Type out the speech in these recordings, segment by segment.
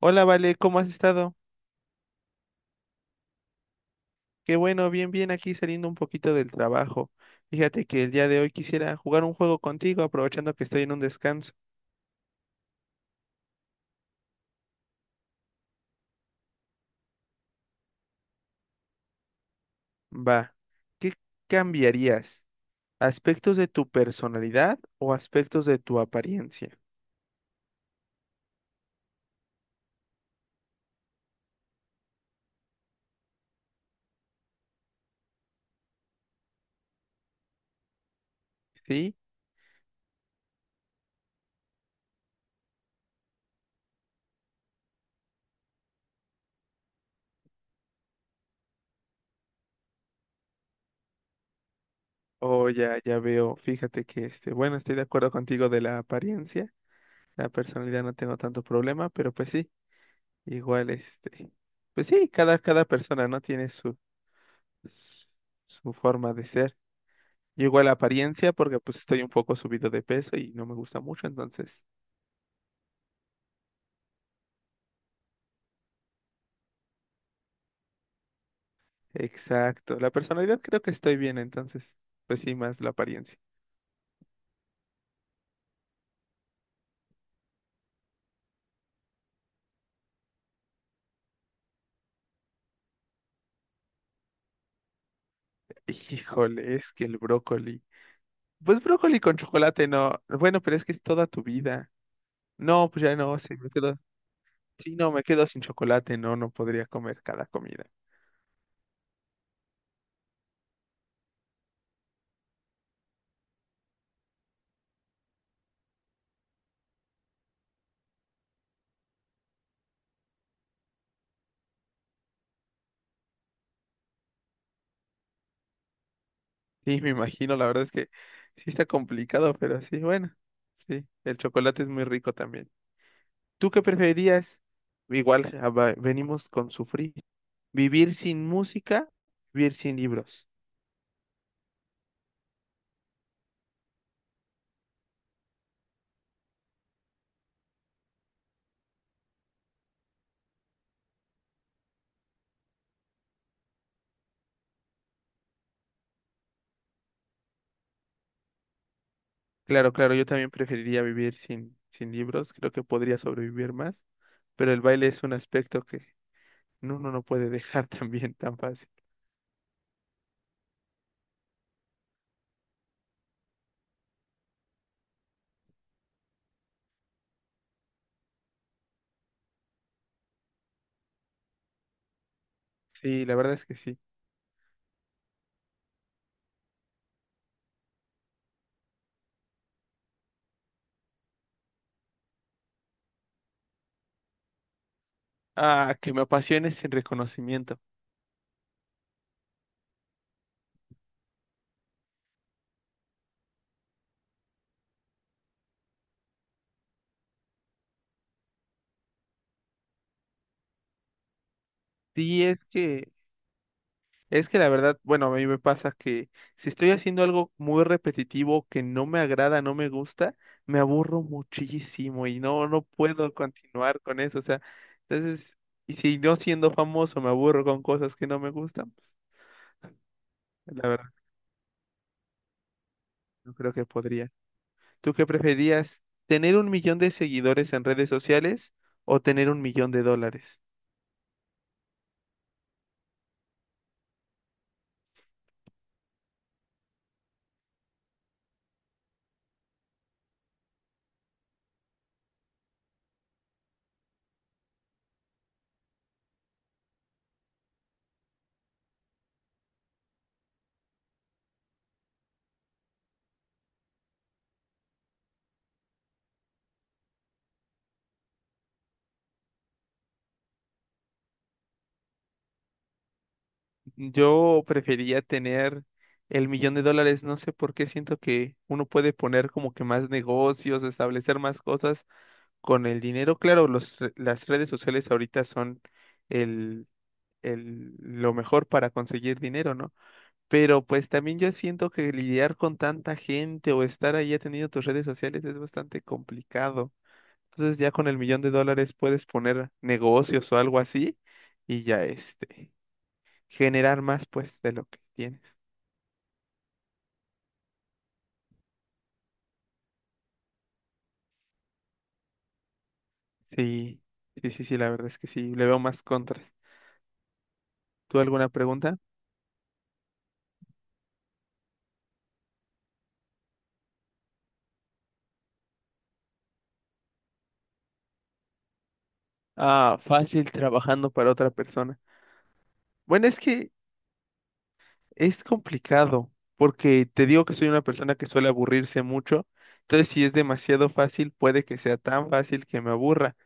Hola, Vale, ¿cómo has estado? Qué bueno, bien, bien, aquí saliendo un poquito del trabajo. Fíjate que el día de hoy quisiera jugar un juego contigo, aprovechando que estoy en un descanso. Va, ¿qué cambiarías? ¿Aspectos de tu personalidad o aspectos de tu apariencia? ¿Sí? Oh ya, ya veo, fíjate que este, bueno, estoy de acuerdo contigo de la apariencia. La personalidad no tengo tanto problema, pero pues sí, igual este, pues sí, cada persona no tiene su, su su forma de ser. Igual la apariencia porque pues estoy un poco subido de peso y no me gusta mucho, entonces. Exacto. La personalidad creo que estoy bien, entonces. Pues sí, más la apariencia. Híjole, es que el brócoli. Pues brócoli con chocolate no. Bueno, pero es que es toda tu vida. No, pues ya no, sí, me quedo. Sí, no, me quedo sin chocolate, no, no podría comer cada comida. Sí, me imagino, la verdad es que sí está complicado, pero sí, bueno, sí, el chocolate es muy rico también. ¿Tú qué preferirías? Igual ah, venimos con sufrir. ¿Vivir sin música? ¿Vivir sin libros? Claro, claro, yo también preferiría vivir sin libros, creo que podría sobrevivir más, pero el baile es un aspecto que uno no puede dejar también tan fácil. Sí, la verdad es que sí. Ah, que me apasiones sin reconocimiento. Sí, es que la verdad, bueno, a mí me pasa que si estoy haciendo algo muy repetitivo que no me agrada, no me gusta, me aburro muchísimo y no, no puedo continuar con eso. O sea, entonces, y si no siendo famoso me aburro con cosas que no me gustan, pues la verdad, no creo que podría. ¿Tú qué preferías? ¿Tener un millón de seguidores en redes sociales o tener un millón de dólares? Yo prefería tener el millón de dólares, no sé por qué siento que uno puede poner como que más negocios, establecer más cosas con el dinero. Claro, los, las redes sociales ahorita son el, el, lo mejor para conseguir dinero, ¿no? Pero pues también yo siento que lidiar con tanta gente o estar ahí atendiendo tus redes sociales es bastante complicado. Entonces ya con el millón de dólares puedes poner negocios o algo así y ya este generar más, pues, de lo que tienes. Sí, sí, sí, sí, la verdad es que sí, le veo más contras. ¿Tú alguna pregunta? Ah, fácil trabajando para otra persona. Bueno, es que es complicado, porque te digo que soy una persona que suele aburrirse mucho, entonces si es demasiado fácil, puede que sea tan fácil que me aburra,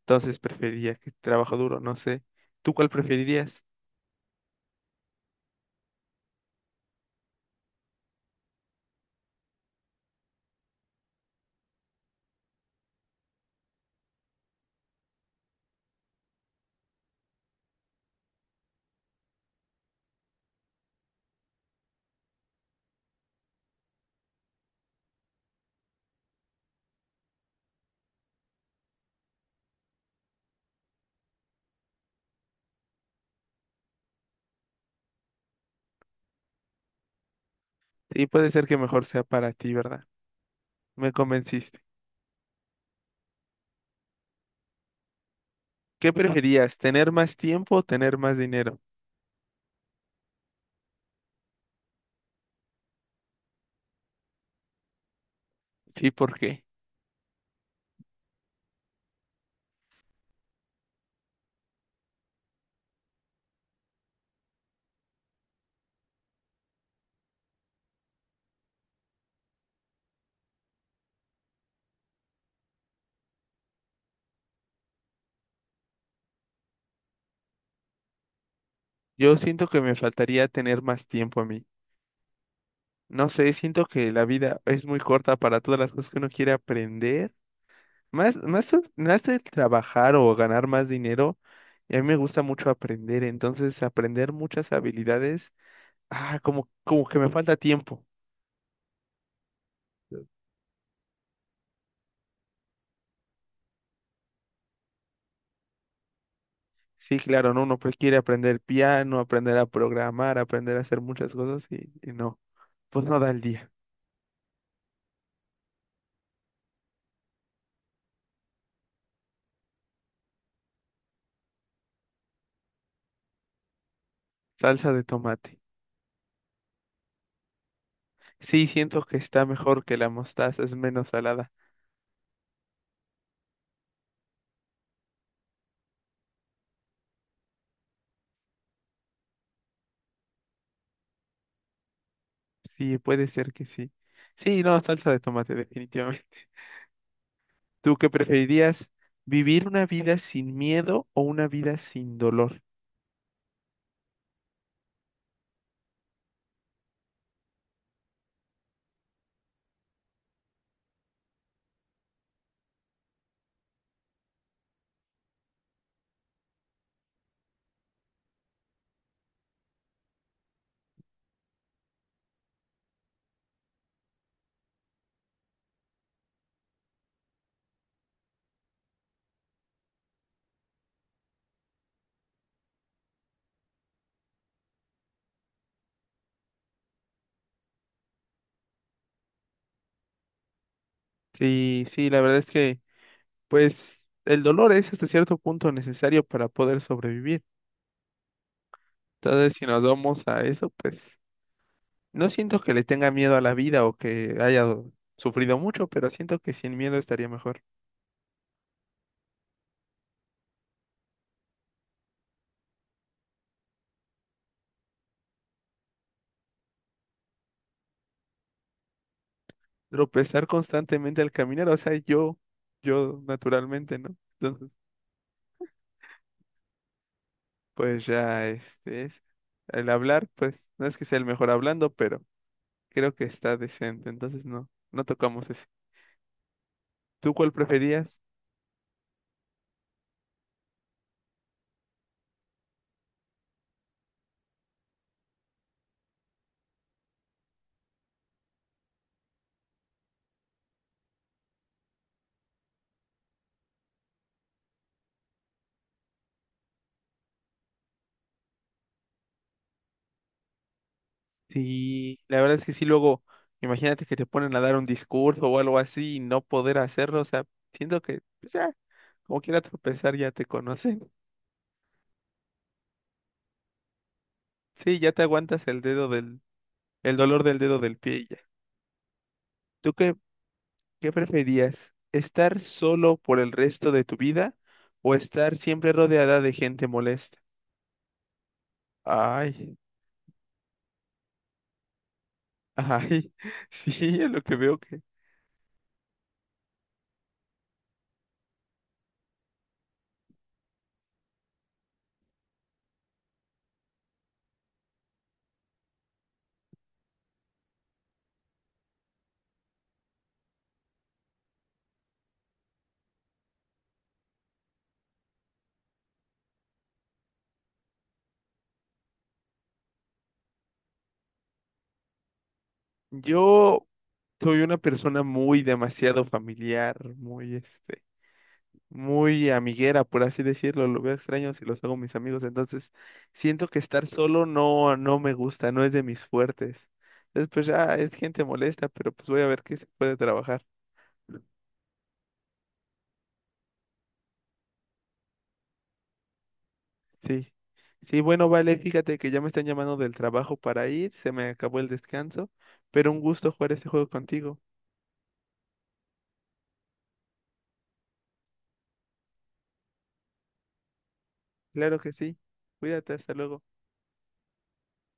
entonces preferiría que trabajo duro, no sé. ¿Tú cuál preferirías? Y puede ser que mejor sea para ti, ¿verdad? Me convenciste. ¿Qué preferías? ¿Tener más tiempo o tener más dinero? Sí, ¿por qué? Yo siento que me faltaría tener más tiempo a mí. No sé, siento que la vida es muy corta para todas las cosas que uno quiere aprender. Más, más, más de trabajar o ganar más dinero. Y a mí me gusta mucho aprender. Entonces, aprender muchas habilidades. Ah, como, como que me falta tiempo. Sí, claro, ¿no? Uno pues quiere aprender piano, aprender a programar, aprender a hacer muchas cosas y no. Pues no da el día. Salsa de tomate. Sí, siento que está mejor que la mostaza, es menos salada. Sí, puede ser que sí. Sí, no, salsa de tomate, definitivamente. ¿Tú qué preferirías? ¿Vivir una vida sin miedo o una vida sin dolor? Sí, sí, la verdad es que, pues, el dolor es hasta cierto punto necesario para poder sobrevivir. Entonces, si nos vamos a eso, pues, no siento que le tenga miedo a la vida o que haya sufrido mucho, pero siento que sin miedo estaría mejor. Tropezar constantemente al caminar, o sea, yo naturalmente, ¿no? Entonces, pues ya, este es el hablar, pues no es que sea el mejor hablando, pero creo que está decente, entonces no, no tocamos ese. ¿Tú cuál preferías? Sí, la verdad es que sí, luego, imagínate que te ponen a dar un discurso o algo así y no poder hacerlo, o sea, siento que pues ya, como quiera tropezar, ya te conocen. Sí, ya te aguantas el dedo del, el dolor del dedo del pie y ya. ¿Tú qué, qué preferías? ¿Estar solo por el resto de tu vida o estar siempre rodeada de gente molesta? Ay. Ay, sí, es lo que veo que yo soy una persona muy demasiado familiar, muy este, muy amiguera, por así decirlo, lo veo extraño si los hago mis amigos, entonces siento que estar solo no, no me gusta, no es de mis fuertes. Entonces, pues ya es gente molesta, pero pues voy a ver qué se puede trabajar. Sí. Sí, bueno, vale, fíjate que ya me están llamando del trabajo para ir, se me acabó el descanso, pero un gusto jugar este juego contigo. Claro que sí. Cuídate, hasta luego.